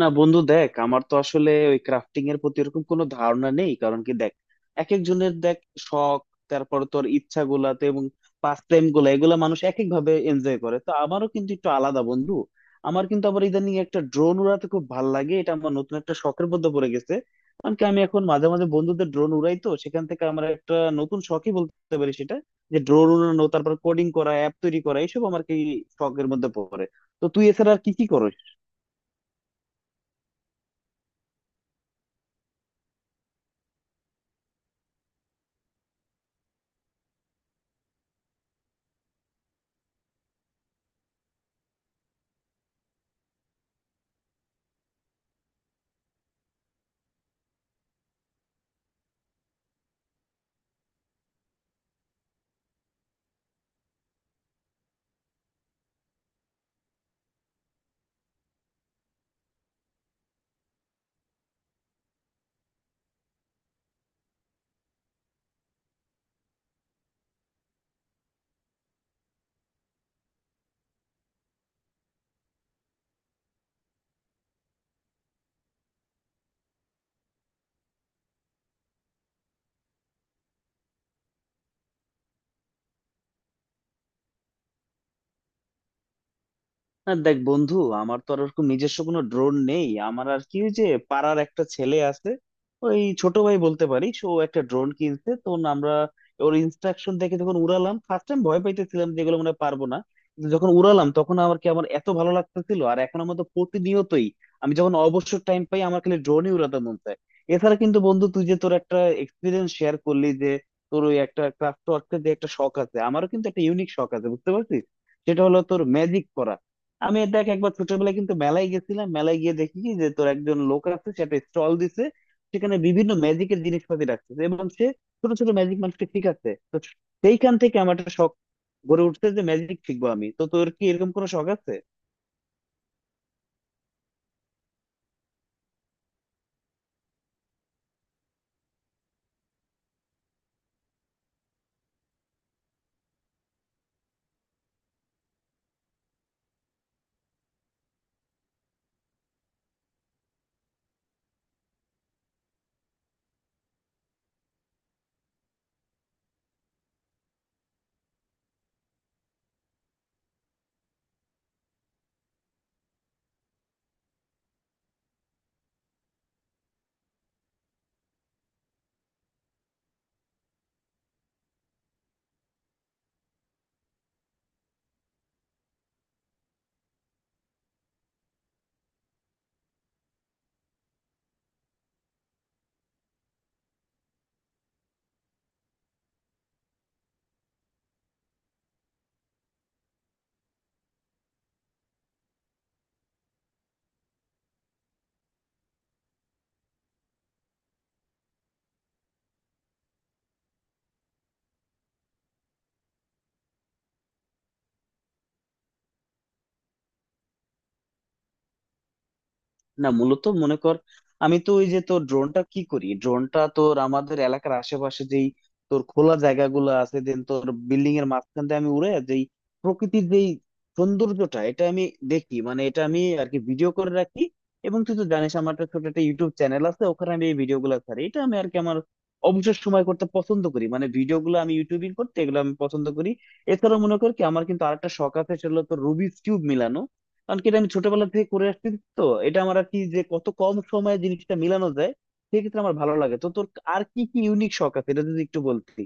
না বন্ধু, দেখ আমার তো আসলে ওই ক্রাফটিং এর প্রতি এরকম কোনো ধারণা নেই। কারণ কি দেখ, এক একজনের দেখ শখ, তারপর তোর ইচ্ছা গুলাতে এবং পাস টাইম গুলা এগুলা মানুষ এক এক ভাবে এনজয় করে। তো আমারও কিন্তু একটু আলাদা বন্ধু। আমার কিন্তু আবার ইদানিং একটা ড্রোন উড়াতে খুব ভাল লাগে, এটা আমার নতুন একটা শখের মধ্যে পড়ে গেছে। কারণ কি আমি এখন মাঝে মাঝে বন্ধুদের ড্রোন উড়াই, তো সেখান থেকে আমার একটা নতুন শখই বলতে পারি সেটা, যে ড্রোন উড়ানো, তারপর কোডিং করা, অ্যাপ তৈরি করা, এইসব আমার কি শখের মধ্যে পড়ে। তো তুই এছাড়া আর কি কি করো? না দেখ বন্ধু, আমার তো আর ওরকম নিজস্ব কোনো ড্রোন নেই। আমার আর কি ওই যে পাড়ার একটা ছেলে আছে, ওই ছোট ভাই বলতে পারিস, ও একটা ড্রোন কিনছে, তখন আমরা ওর ইনস্ট্রাকশন দেখে যখন উড়ালাম ফার্স্ট টাইম, ভয় পাইতেছিলাম, যেগুলো মনে হয় পারবো না। কিন্তু যখন উড়ালাম তখন আমার কি আমার এত ভালো লাগতেছিল, আর এখন আমার তো প্রতিনিয়তই, আমি যখন অবসর টাইম পাই আমার খালি ড্রোনই উড়াতে মন চায়। এছাড়া কিন্তু বন্ধু, তুই যে তোর একটা এক্সপিরিয়েন্স শেয়ার করলি যে তোর ওই একটা ক্রাফট ওয়ার্কের যে একটা শখ আছে, আমারও কিন্তু একটা ইউনিক শখ আছে, বুঝতে পারছিস? সেটা হলো তোর ম্যাজিক করা। আমি দেখ একবার ছোটবেলায় কিন্তু মেলায় গেছিলাম, মেলায় গিয়ে দেখি কি যে তোর একজন লোক আছে, সেটা স্টল দিছে, সেখানে বিভিন্ন ম্যাজিকের জিনিসপাতি রাখছে এবং সে ছোট ছোট ম্যাজিক মানুষকে শিখাচ্ছে। তো সেইখান থেকে আমার একটা শখ গড়ে উঠছে যে ম্যাজিক শিখবো আমি। তো তোর কি এরকম কোনো শখ আছে? না মূলত মনে কর, আমি তো ওই যে তোর ড্রোনটা কি করি, ড্রোনটা তোর আমাদের এলাকার আশেপাশে যেই তোর খোলা জায়গাগুলো আছে, দেন তোর বিল্ডিং এর মাঝখান দিয়ে আমি উড়ে যেই প্রকৃতির যেই সৌন্দর্যটা, এটা আমি দেখি, মানে এটা আমি আর কি ভিডিও করে রাখি। এবং তুই তো জানিস আমার একটা ছোট একটা ইউটিউব চ্যানেল আছে, ওখানে আমি এই ভিডিও গুলো ছাড়ি, এটা আমি আর কি আমার অবসর সময় করতে পছন্দ করি, মানে ভিডিও গুলো আমি ইউটিউবিং করতে এগুলো আমি পছন্দ করি। এছাড়াও মনে কর কি আমার কিন্তু আরেকটা শখ আছে, সেটা হলো তোর রুবিক্স কিউব মিলানো। কারণ কি এটা আমি ছোটবেলা থেকে করে আসছি। তো এটা আমার আর কি, যে কত কম সময়ে জিনিসটা মিলানো যায় সেক্ষেত্রে আমার ভালো লাগে। তো তোর আর কি কি ইউনিক শখ আছে এটা যদি একটু বলতি।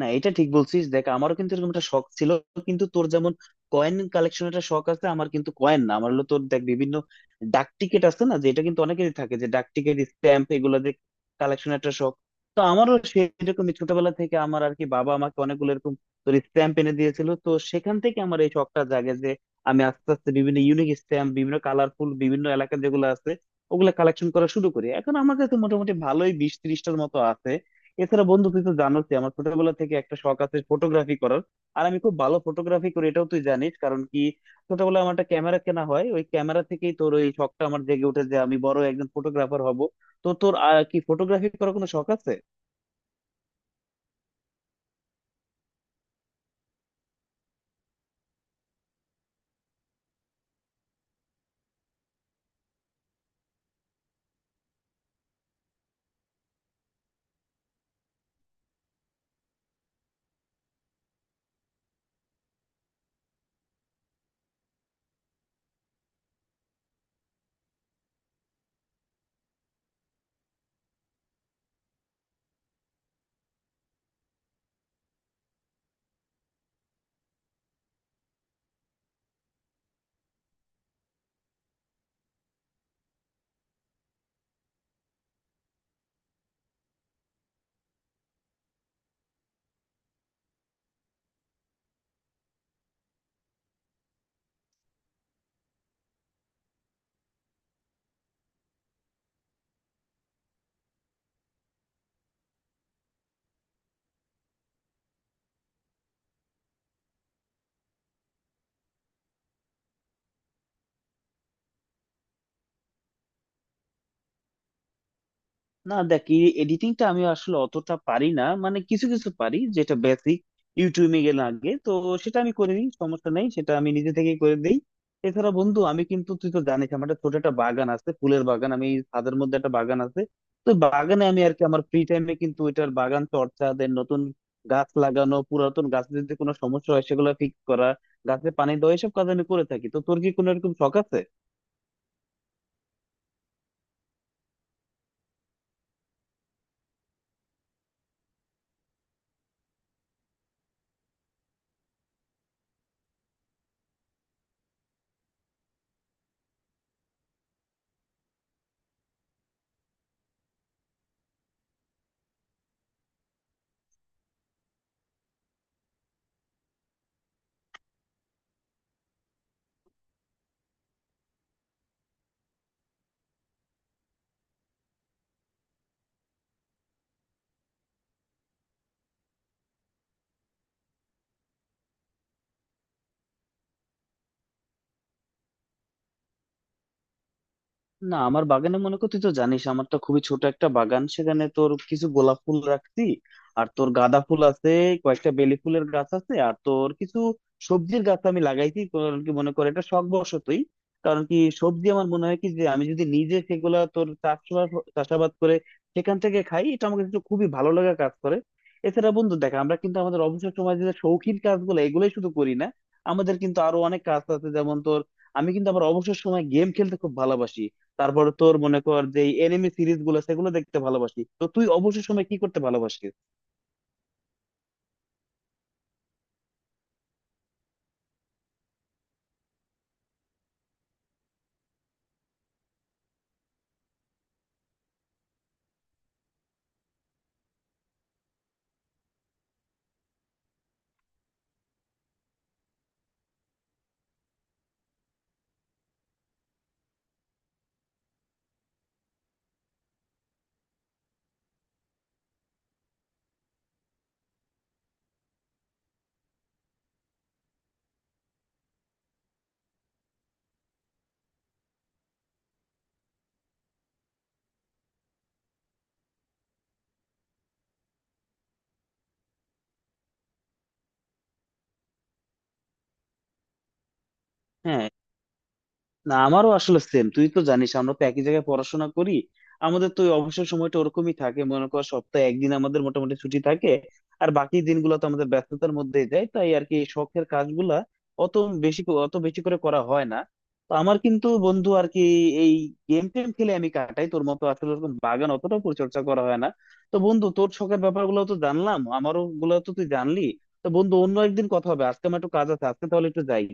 না এটা ঠিক বলছিস, দেখ আমারও কিন্তু এরকম একটা শখ ছিল। কিন্তু তোর যেমন কয়েন কালেকশন একটা শখ আছে, আমার কিন্তু কয়েন না, আমার হলো তোর দেখ বিভিন্ন ডাক টিকিট আছে না, যে এটা কিন্তু অনেকেরই থাকে যে ডাক টিকিট স্ট্যাম্প, এগুলো যে কালেকশন একটা শখ। তো আমারও সেরকমই, ছোটবেলা থেকে আমার আর কি বাবা আমাকে অনেকগুলো এরকম তোর স্ট্যাম্প এনে দিয়েছিল, তো সেখান থেকে আমার এই শখটা জাগে যে আমি আস্তে আস্তে বিভিন্ন ইউনিক স্ট্যাম্প, বিভিন্ন কালারফুল, বিভিন্ন এলাকার যেগুলো আছে ওগুলা কালেকশন করা শুরু করি। এখন আমার কাছে মোটামুটি ভালোই 20-30টার মতো আছে। এছাড়া বন্ধু তুই তো জানোস যে আমার ছোটবেলা থেকে একটা শখ আছে ফটোগ্রাফি করার, আর আমি খুব ভালো ফটোগ্রাফি করি, এটাও তুই জানিস। কারণ কি ছোটবেলায় আমার একটা ক্যামেরা কেনা হয়, ওই ক্যামেরা থেকেই তোর ওই শখটা আমার জেগে উঠে যে আমি বড় একজন ফটোগ্রাফার হব। তো তোর কি ফটোগ্রাফি করার কোনো শখ আছে? না দেখ, এডিটিংটা আমি আসলে অতটা পারি না, মানে কিছু কিছু পারি যেটা বেসিক, ইউটিউবে গেলে আগে তো সেটা আমি করে দিই, সমস্যা নেই, সেটা আমি নিজে থেকেই করে দিই। এছাড়া বন্ধু আমি কিন্তু, তুই তো জানিস আমার একটা ছোট একটা বাগান আছে, ফুলের বাগান, আমি ছাদের মধ্যে একটা বাগান আছে। তো বাগানে আমি আর কি আমার ফ্রি টাইমে কিন্তু এটার বাগান চর্চা, দেন নতুন গাছ লাগানো, পুরাতন গাছের যদি কোনো সমস্যা হয় সেগুলো ফিক্স করা, গাছে পানি দেওয়া, এসব কাজ আমি করে থাকি। তো তোর কি কোনো এরকম শখ আছে? না আমার বাগানে মনে কর, তুই তো জানিস আমার তো খুবই ছোট একটা বাগান, সেখানে তোর কিছু গোলাপ ফুল রাখছি, আর তোর গাঁদা ফুল আছে, কয়েকটা বেলি ফুলের গাছ আছে, আর তোর কিছু সবজির গাছ আমি লাগাইছি। কারণ কি মনে করে এটা শখ বশতই, কারণ কি সবজি আমার মনে হয় কি যে আমি যদি নিজে সেগুলা তোর চাষবাস চাষাবাদ করে সেখান থেকে খাই, এটা আমাকে একটু খুবই ভালো লাগা কাজ করে। এছাড়া বন্ধু দেখ, আমরা কিন্তু আমাদের অবসর সময় যে শৌখিন কাজগুলো এগুলোই শুধু করি না, আমাদের কিন্তু আরো অনেক কাজ আছে, যেমন তোর আমি কিন্তু আমার অবসর সময় গেম খেলতে খুব ভালোবাসি। তারপর তোর মনে কর যে এনিমে সিরিজ গুলো সেগুলো দেখতে ভালোবাসি। তো তুই অবসর সময় কি করতে ভালোবাসিস? হ্যাঁ, না আমারও আসলে সেম, তুই তো জানিস আমরা তো একই জায়গায় পড়াশোনা করি, আমাদের তো ওই অবসর সময়টা ওরকমই থাকে, মনে কর সপ্তাহে একদিন আমাদের মোটামুটি ছুটি থাকে, আর বাকি দিনগুলো তো আমাদের ব্যস্ততার মধ্যেই যায়। তাই আর কি শখের কাজগুলা অত বেশি অত বেশি করে করা হয় না। তো আমার কিন্তু বন্ধু আর কি এই গেম টেম খেলে আমি কাটাই, তোর মতো আসলে ওরকম বাগান অতটাও পরিচর্যা করা হয় না। তো বন্ধু, তোর শখের ব্যাপারগুলো তো জানলাম, আমারও গুলো তো তুই জানলি। তো বন্ধু অন্য একদিন কথা হবে, আজকে আমার একটু কাজ আছে, আজকে তাহলে একটু যাই।